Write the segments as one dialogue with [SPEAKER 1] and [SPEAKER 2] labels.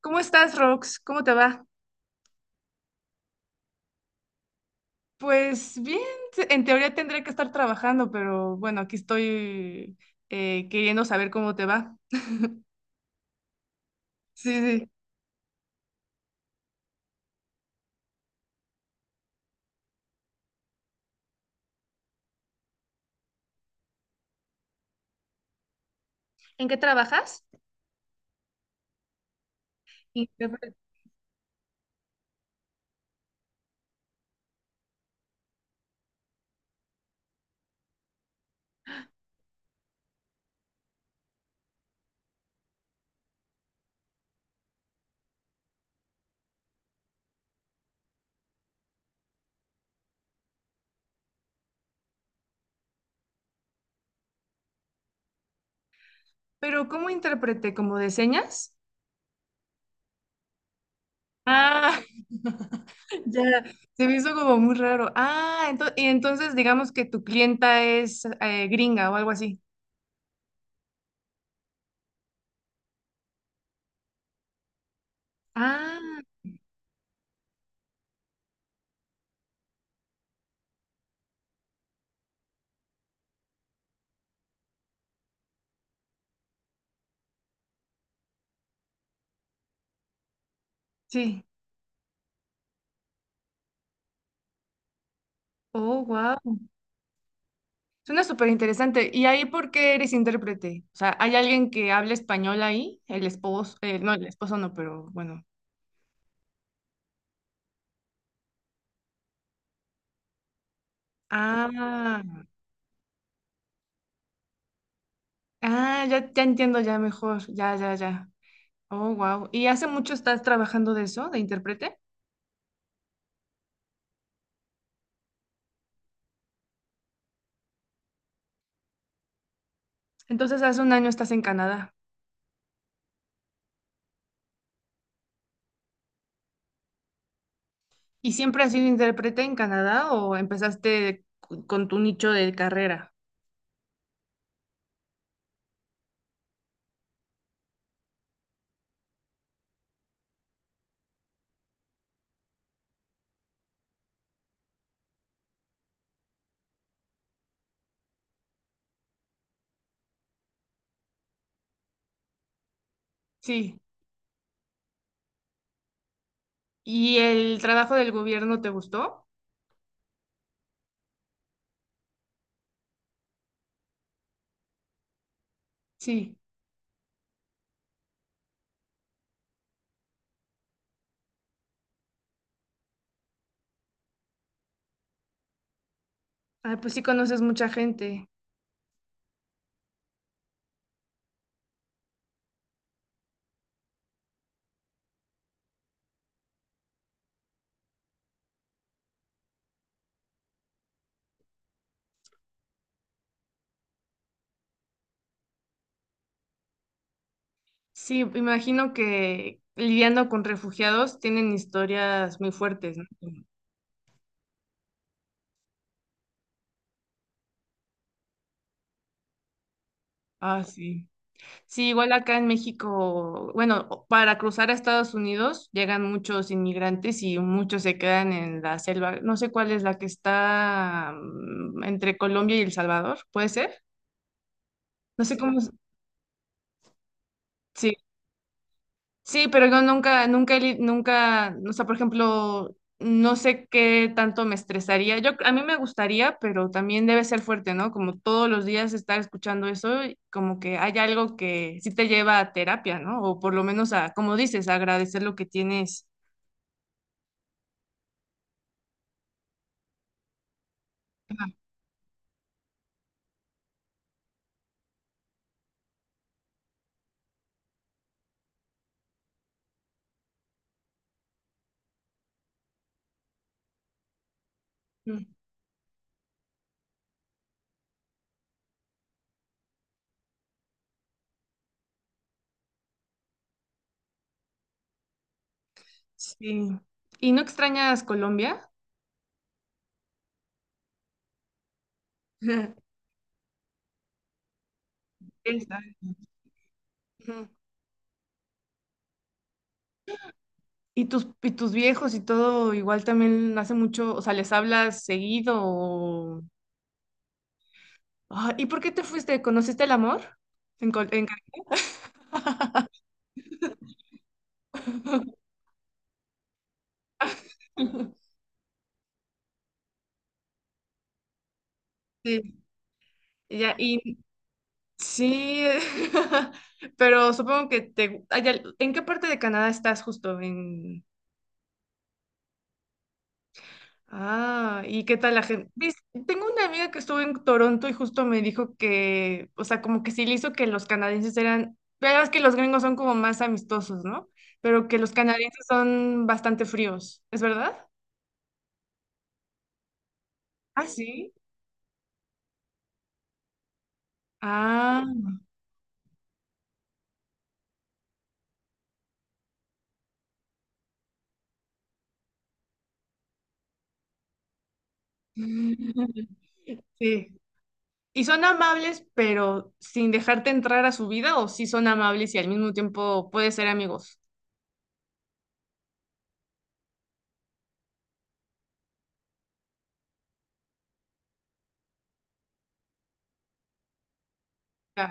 [SPEAKER 1] ¿Cómo estás, Rox? ¿Cómo te va? Pues bien, en teoría tendría que estar trabajando, pero bueno, aquí estoy, queriendo saber cómo te va. Sí, sí. ¿En qué trabajas? Intérprete. Pero ¿cómo intérprete? ¿Como de señas? Ah, ya, se me hizo como muy raro. Ah, y entonces digamos que tu clienta es gringa o algo así. Ah, sí. Oh, wow. Suena súper interesante. ¿Y ahí por qué eres intérprete? O sea, ¿hay alguien que hable español ahí? El esposo, el esposo no, pero bueno. Ah, ah, ya, ya entiendo ya mejor. Ya, ya, ya. Oh, wow. ¿Y hace mucho estás trabajando de eso, de intérprete? Entonces, hace un año estás en Canadá. ¿Y siempre has sido intérprete en Canadá o empezaste con tu nicho de carrera? Sí. ¿Y el trabajo del gobierno te gustó? Sí. Ah, pues sí conoces mucha gente. Sí, imagino que lidiando con refugiados tienen historias muy fuertes, ¿no? Ah, sí. Sí, igual acá en México, bueno, para cruzar a Estados Unidos llegan muchos inmigrantes y muchos se quedan en la selva. No sé cuál es la que está entre Colombia y El Salvador, ¿puede ser? No sé cómo. Sí. Sí, pero yo nunca, o sea, por ejemplo, no sé qué tanto me estresaría. Yo, a mí me gustaría, pero también debe ser fuerte, ¿no? Como todos los días estar escuchando eso, y como que hay algo que sí te lleva a terapia, ¿no? O por lo menos a, como dices, a agradecer lo que tienes. Ajá. Mm. Sí. ¿Y no extrañas Colombia? Esta. Ujú. ¿Y tus viejos y todo igual también hace mucho, o sea, les hablas seguido? Ah, ¿y por qué te fuiste? ¿Conociste el amor? En, en Cancún. Sí, ya, y sí, pero supongo que te... ay, ya. ¿En qué parte de Canadá estás justo? En... Ah, ¿y qué tal la gente? Tengo una amiga que estuvo en Toronto y justo me dijo que, o sea, como que sí le hizo que los canadienses eran, pero es que los gringos son como más amistosos, ¿no? Pero que los canadienses son bastante fríos, ¿es verdad? Ah, sí. Ah, sí. Y son amables, pero sin dejarte entrar a su vida, o sí son amables y al mismo tiempo puedes ser amigos. O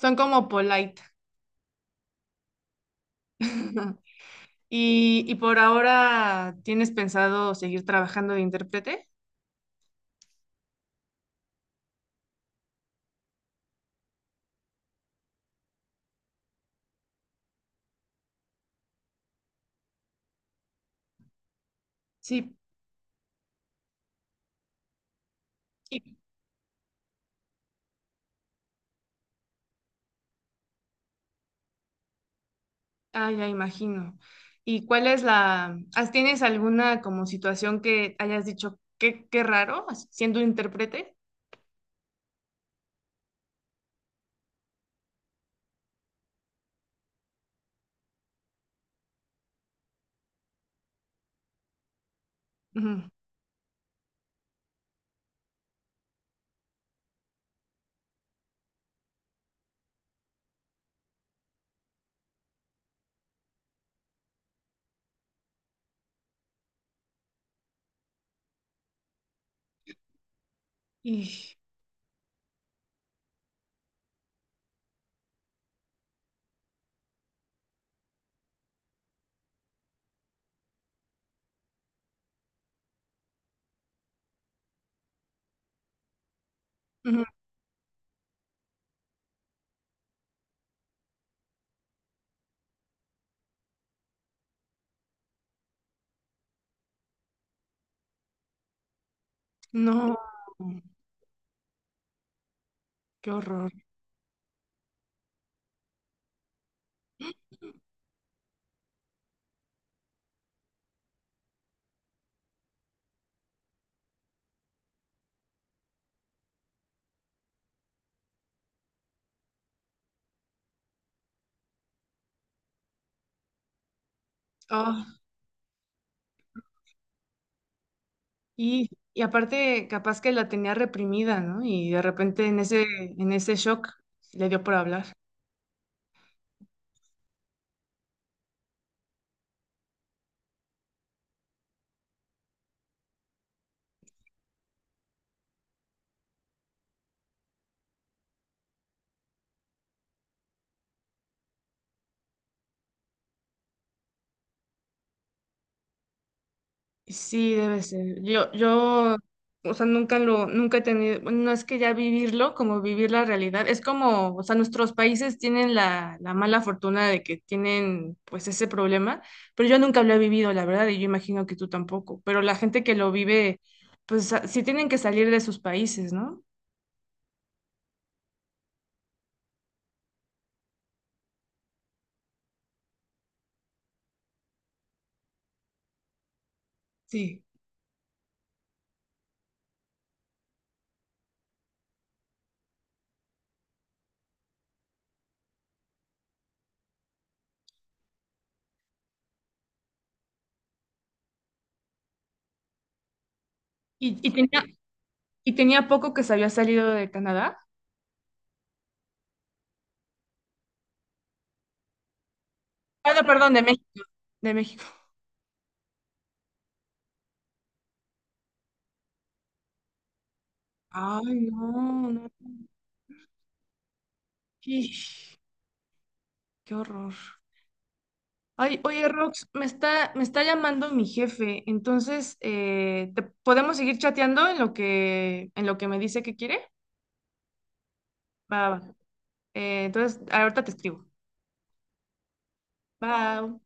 [SPEAKER 1] son como polite. Y, y por ahora, ¿tienes pensado seguir trabajando de intérprete? Sí. Sí. Ah, ya imagino. ¿Y cuál es la, tienes alguna como situación que hayas dicho, qué, qué raro, siendo intérprete? Ujú. Y, ujú. No, qué horror. Y aparte, capaz que la tenía reprimida, ¿no? Y de repente en ese shock le dio por hablar. Sí, debe ser. Yo, o sea, nunca lo, nunca he tenido, bueno, no es que ya vivirlo, como vivir la realidad. Es como, o sea, nuestros países tienen la, la mala fortuna de que tienen, pues, ese problema, pero yo nunca lo he vivido, la verdad, y yo imagino que tú tampoco. Pero la gente que lo vive, pues, sí tienen que salir de sus países, ¿no? Sí. Y, y tenía- Y tenía poco que se había salido de Canadá. Ah, no, perdón, de México. De México. Ay, no, no. Ish, qué horror. Ay, oye, Rox, me está llamando mi jefe. Entonces, podemos seguir chateando en lo que me dice que quiere? Va, va. Entonces, ahorita te escribo. Bye.